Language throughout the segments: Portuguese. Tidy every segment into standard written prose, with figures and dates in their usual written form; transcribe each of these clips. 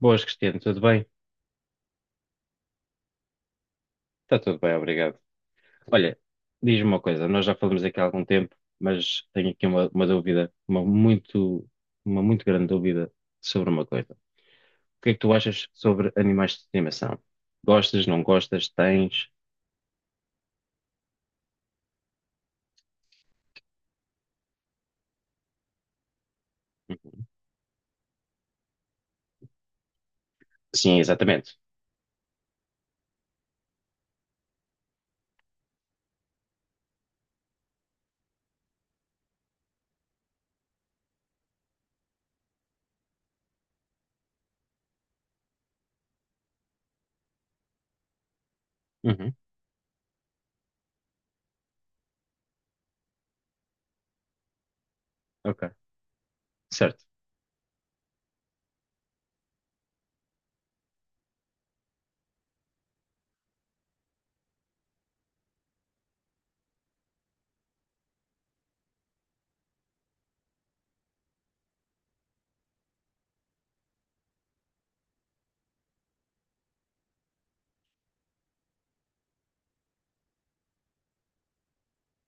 Boas, Cristiano, tudo bem? Está tudo bem, obrigado. Olha, diz-me uma coisa, nós já falamos aqui há algum tempo, mas tenho aqui uma dúvida, uma muito grande dúvida sobre uma coisa. O que é que tu achas sobre animais de estimação? Gostas, não gostas, tens? Uhum. Sim, exatamente. Uhum. Ok, certo.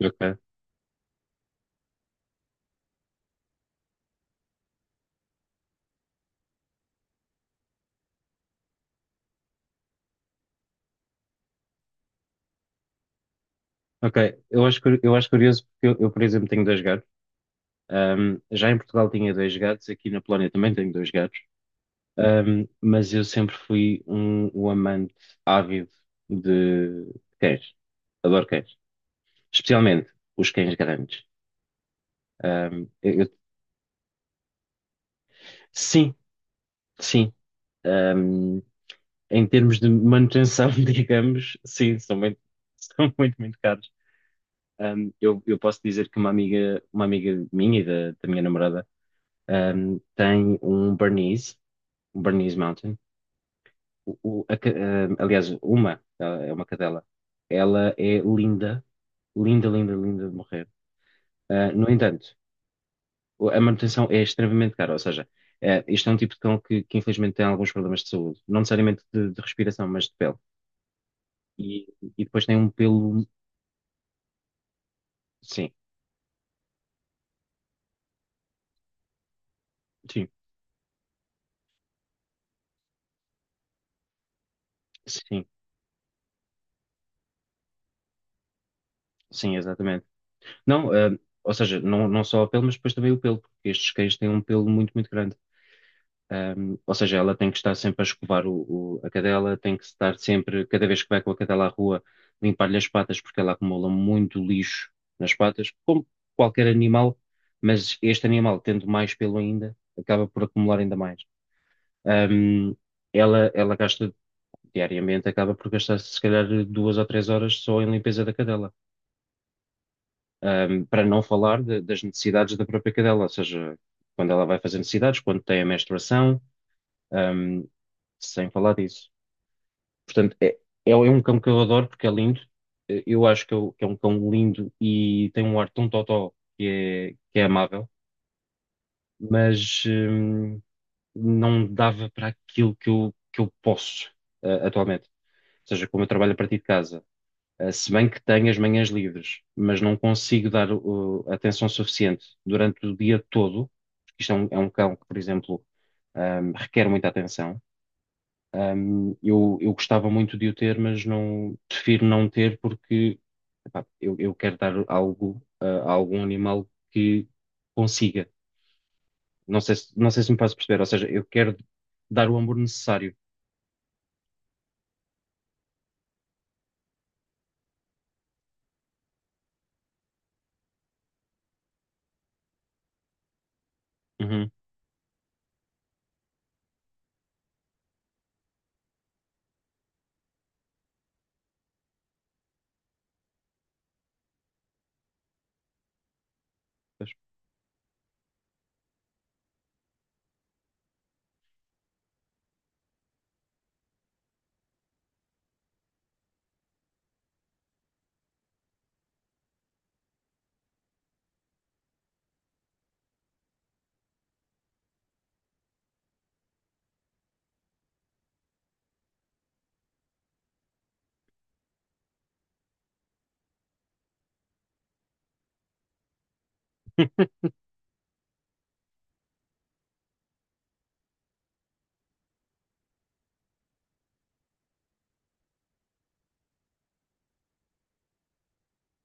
Ok, ok. Eu acho, eu acho curioso porque eu, por exemplo, tenho dois gatos. Já em Portugal tinha dois gatos, aqui na Polónia também tenho dois gatos. Mas eu sempre fui um amante ávido de cães. Adoro cães. Especialmente os cães grandes. Um, eu- eu- sim, sim. Um, Em termos de manutenção, digamos, sim, são muito, são muito, muito caros. Eu posso dizer que uma amiga minha e da minha namorada, tem um Bernese Mountain. Aliás, ela é uma cadela. Ela é linda. Linda, linda, linda de morrer. Ah, no entanto, a manutenção é extremamente cara, ou seja, isto é um tipo de cão que infelizmente tem alguns problemas de saúde, não necessariamente de respiração, mas de pele. E, e depois tem um pelo. Sim, sim, sim, sim, exatamente. Não, ou seja, não só a pele, mas depois também o pelo, porque estes cães têm um pelo muito, muito grande. Ou seja, ela tem que estar sempre a escovar a cadela, tem que estar sempre, cada vez que vai com a cadela à rua, limpar-lhe as patas, porque ela acumula muito lixo nas patas, como qualquer animal, mas este animal, tendo mais pelo ainda, acaba por acumular ainda mais. Um, ela gasta diariamente, acaba por gastar se calhar 2 ou 3 horas só em limpeza da cadela. Para não falar das necessidades da própria cadela, ou seja, quando ela vai fazer necessidades, quando tem a menstruação. Ahm, Sem falar disso. Portanto, é um cão que eu adoro porque é lindo. Eu acho que que é um cão lindo e tem um ar tão totó que é amável, mas não dava para aquilo que eu posso atualmente. Ou seja, como eu trabalho a partir de casa, se bem que tenho as manhãs livres, mas não consigo dar atenção suficiente durante o dia todo, porque isto é um cão que, por exemplo, requer muita atenção. Eu gostava muito de o ter, mas não prefiro não ter porque epá, eu quero dar algo a algum animal que consiga. Não sei se me faço perceber, ou seja, eu quero dar o amor necessário. Uhum.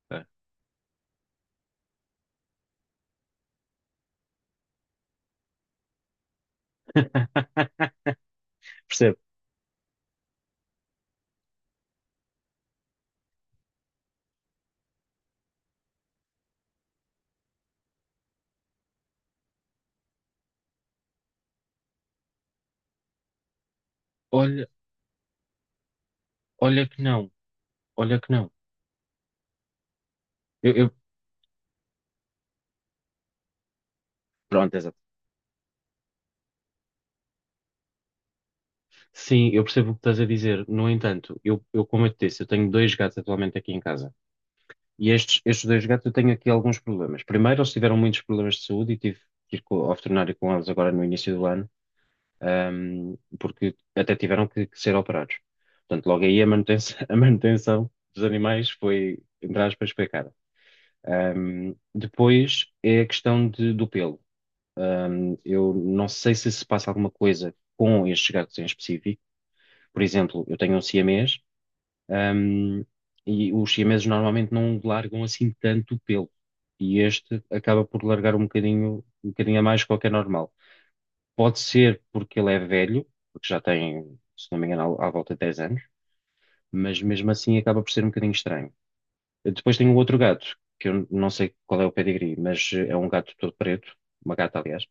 É. Percebo. Olha, olha que não, olha que não. Eu, eu- Pronto, exato. Sim, eu percebo o que estás a dizer. No entanto, eu como eu te disse, eu tenho dois gatos atualmente aqui em casa. E estes dois gatos eu tenho aqui alguns problemas. Primeiro, eles tiveram muitos problemas de saúde e tive que ir ao veterinário com eles agora no início do ano, porque até tiveram que ser operados. Portanto, logo aí a manutenção, a manutenção dos animais foi, entre aspas, foi. Depois é a questão do pelo. Eu não sei se se passa alguma coisa com estes gatos em específico. Por exemplo, eu tenho um siamês, um, e os siameses normalmente não largam assim tanto pelo. E este acaba por largar um bocadinho a mais do que é normal. Pode ser porque ele é velho, porque já tem, se não me engano, à volta de 10 anos, mas mesmo assim acaba por ser um bocadinho estranho. Depois tem o outro gato, que eu não sei qual é o pedigree, mas é um gato todo preto, uma gata, aliás,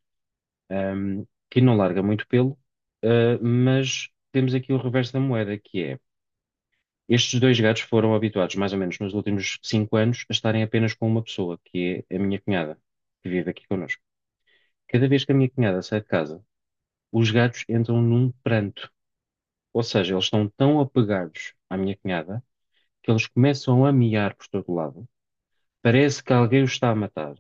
que não larga muito pelo, mas temos aqui o reverso da moeda, que é. Estes dois gatos foram habituados, mais ou menos nos últimos 5 anos, a estarem apenas com uma pessoa, que é a minha cunhada, que vive aqui connosco. Cada vez que a minha cunhada sai de casa, os gatos entram num pranto. Ou seja, eles estão tão apegados à minha cunhada que eles começam a miar por todo lado. Parece que alguém os está a matar.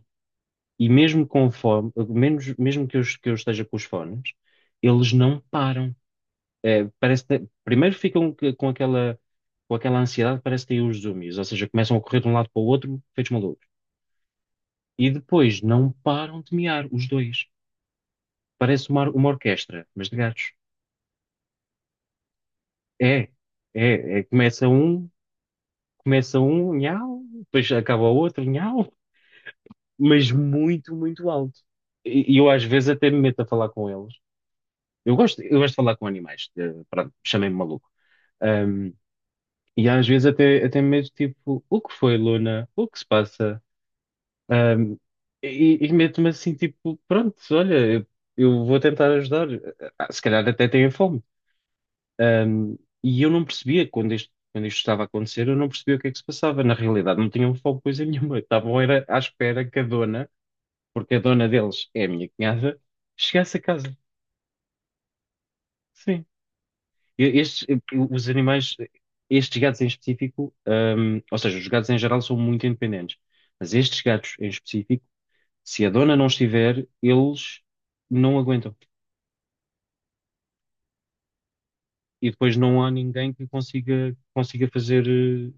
E mesmo com fome, mesmo que eu esteja com os fones, eles não param. Primeiro ficam com aquela ansiedade, parece que têm os zoomies, ou seja, começam a correr de um lado para o outro, feitos malucos. E depois não param de miar, os dois. Parece uma orquestra, mas de gatos. É, é, começa um, nhau, depois acaba o outro, nhau, mas muito, muito alto. E eu às vezes até me meto a falar com eles. Eu gosto de falar com animais, pronto, chamei-me maluco. E às vezes até mesmo tipo, o que foi, Luna? O que se passa? Ahm, e meto-me assim, tipo, pronto, olha, eu vou tentar ajudar. Ah, se calhar até têm fome. Ahm, e eu não percebia quando isto estava a acontecer, eu não percebia o que é que se passava. Na realidade, não tinham fome coisa nenhuma. Estavam era à espera que a dona, porque a dona deles é a minha cunhada, chegasse a casa. Sim. Estes, os animais, estes gatos em específico, ou seja, os gatos em geral são muito independentes, mas estes gatos em específico, se a dona não estiver, eles não aguentam. E depois não há ninguém que consiga fazer, eh,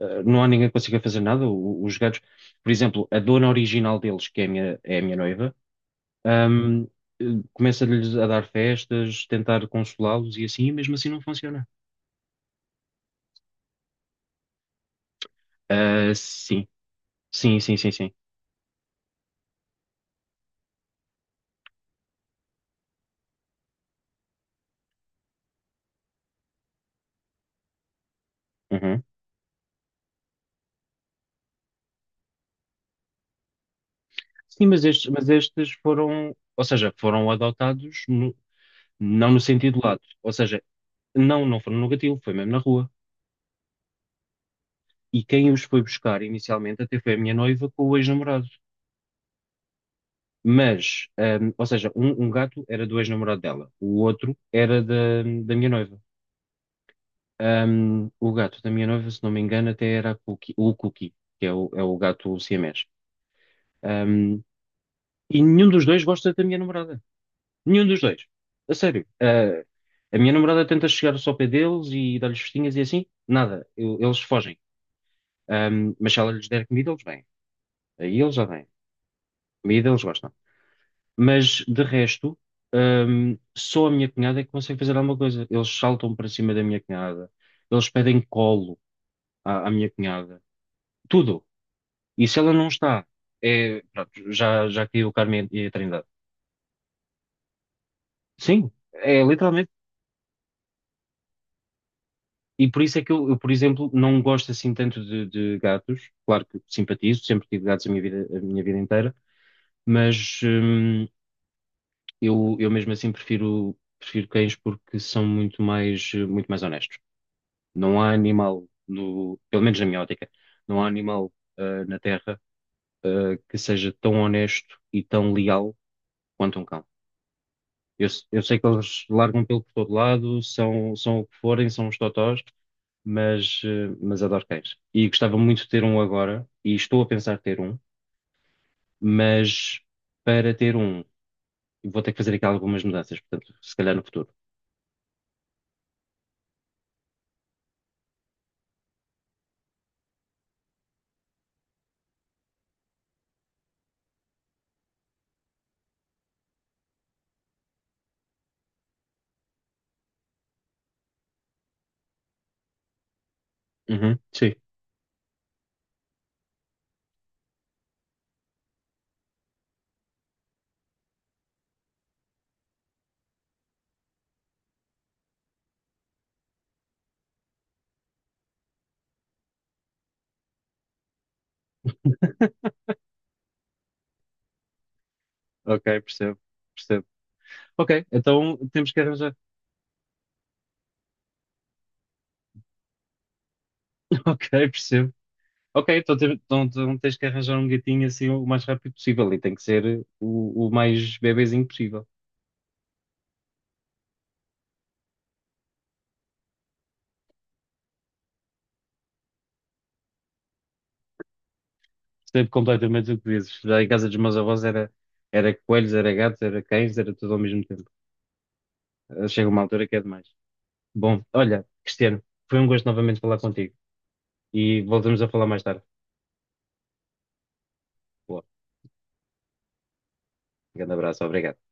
eh, não há ninguém que consiga fazer nada. Os gatos, por exemplo, a dona original deles, que é a minha noiva, hum, eh, começa-lhes a dar festas, tentar consolá-los e assim, e mesmo assim não funciona. Ah, sim, sim, sim, sim, sim. Uhum. Sim, mas estes foram, ou seja, foram adotados não no sentido lato. Ou seja, não foram no gatilho, foi mesmo na rua. E quem os foi buscar inicialmente até foi a minha noiva com o ex-namorado. Mas, ou seja, um gato era do ex-namorado dela, o outro era da minha noiva. O gato da minha noiva, se não me engano, até era o Cookie, que é o gato siamês. Ahm, e nenhum dos dois gosta da minha namorada. Nenhum dos dois. A sério. Ah, a minha namorada tenta chegar só ao pé deles e dar-lhes festinhas e assim. Nada. Eles fogem. Mas se ela lhes der comida, eles vêm. Aí eles já vêm. Comida eles gostam. Mas de resto, só a minha cunhada é que consegue fazer alguma coisa. Eles saltam para cima da minha cunhada. Eles pedem colo à minha cunhada. Tudo. E se ela não está, é, pronto, já caiu o Carmen e a Trindade. Sim. É literalmente. E por isso é que eu, por exemplo, não gosto assim tanto de gatos. Claro que simpatizo, sempre tive gatos a minha vida inteira, mas eu mesmo assim prefiro cães porque são muito mais, muito mais honestos. Não há animal, no, pelo menos na minha ótica, não há animal na Terra que seja tão honesto e tão leal quanto um cão. Eu sei que eles largam pelo por todo lado, são o que forem, são os totós, mas, mas adoro cães. E gostava muito de ter um agora, e estou a pensar ter um, mas para ter um, vou ter que fazer aqui algumas mudanças, portanto, se calhar no futuro. Uhum, sim, ok, percebo, percebo. Ok, então temos que arranjar. Ok, percebo. Ok, então, então tens que arranjar um gatinho assim o mais rápido possível e tem que ser o mais bebezinho possível. Percebo completamente o que dizes. Já em casa dos meus avós era, coelhos, era gatos, era cães, era tudo ao mesmo tempo. Chega uma altura que é demais. Bom, olha, Cristiano, foi um gosto novamente falar contigo e voltamos a falar mais tarde. Boa, um grande abraço, obrigado.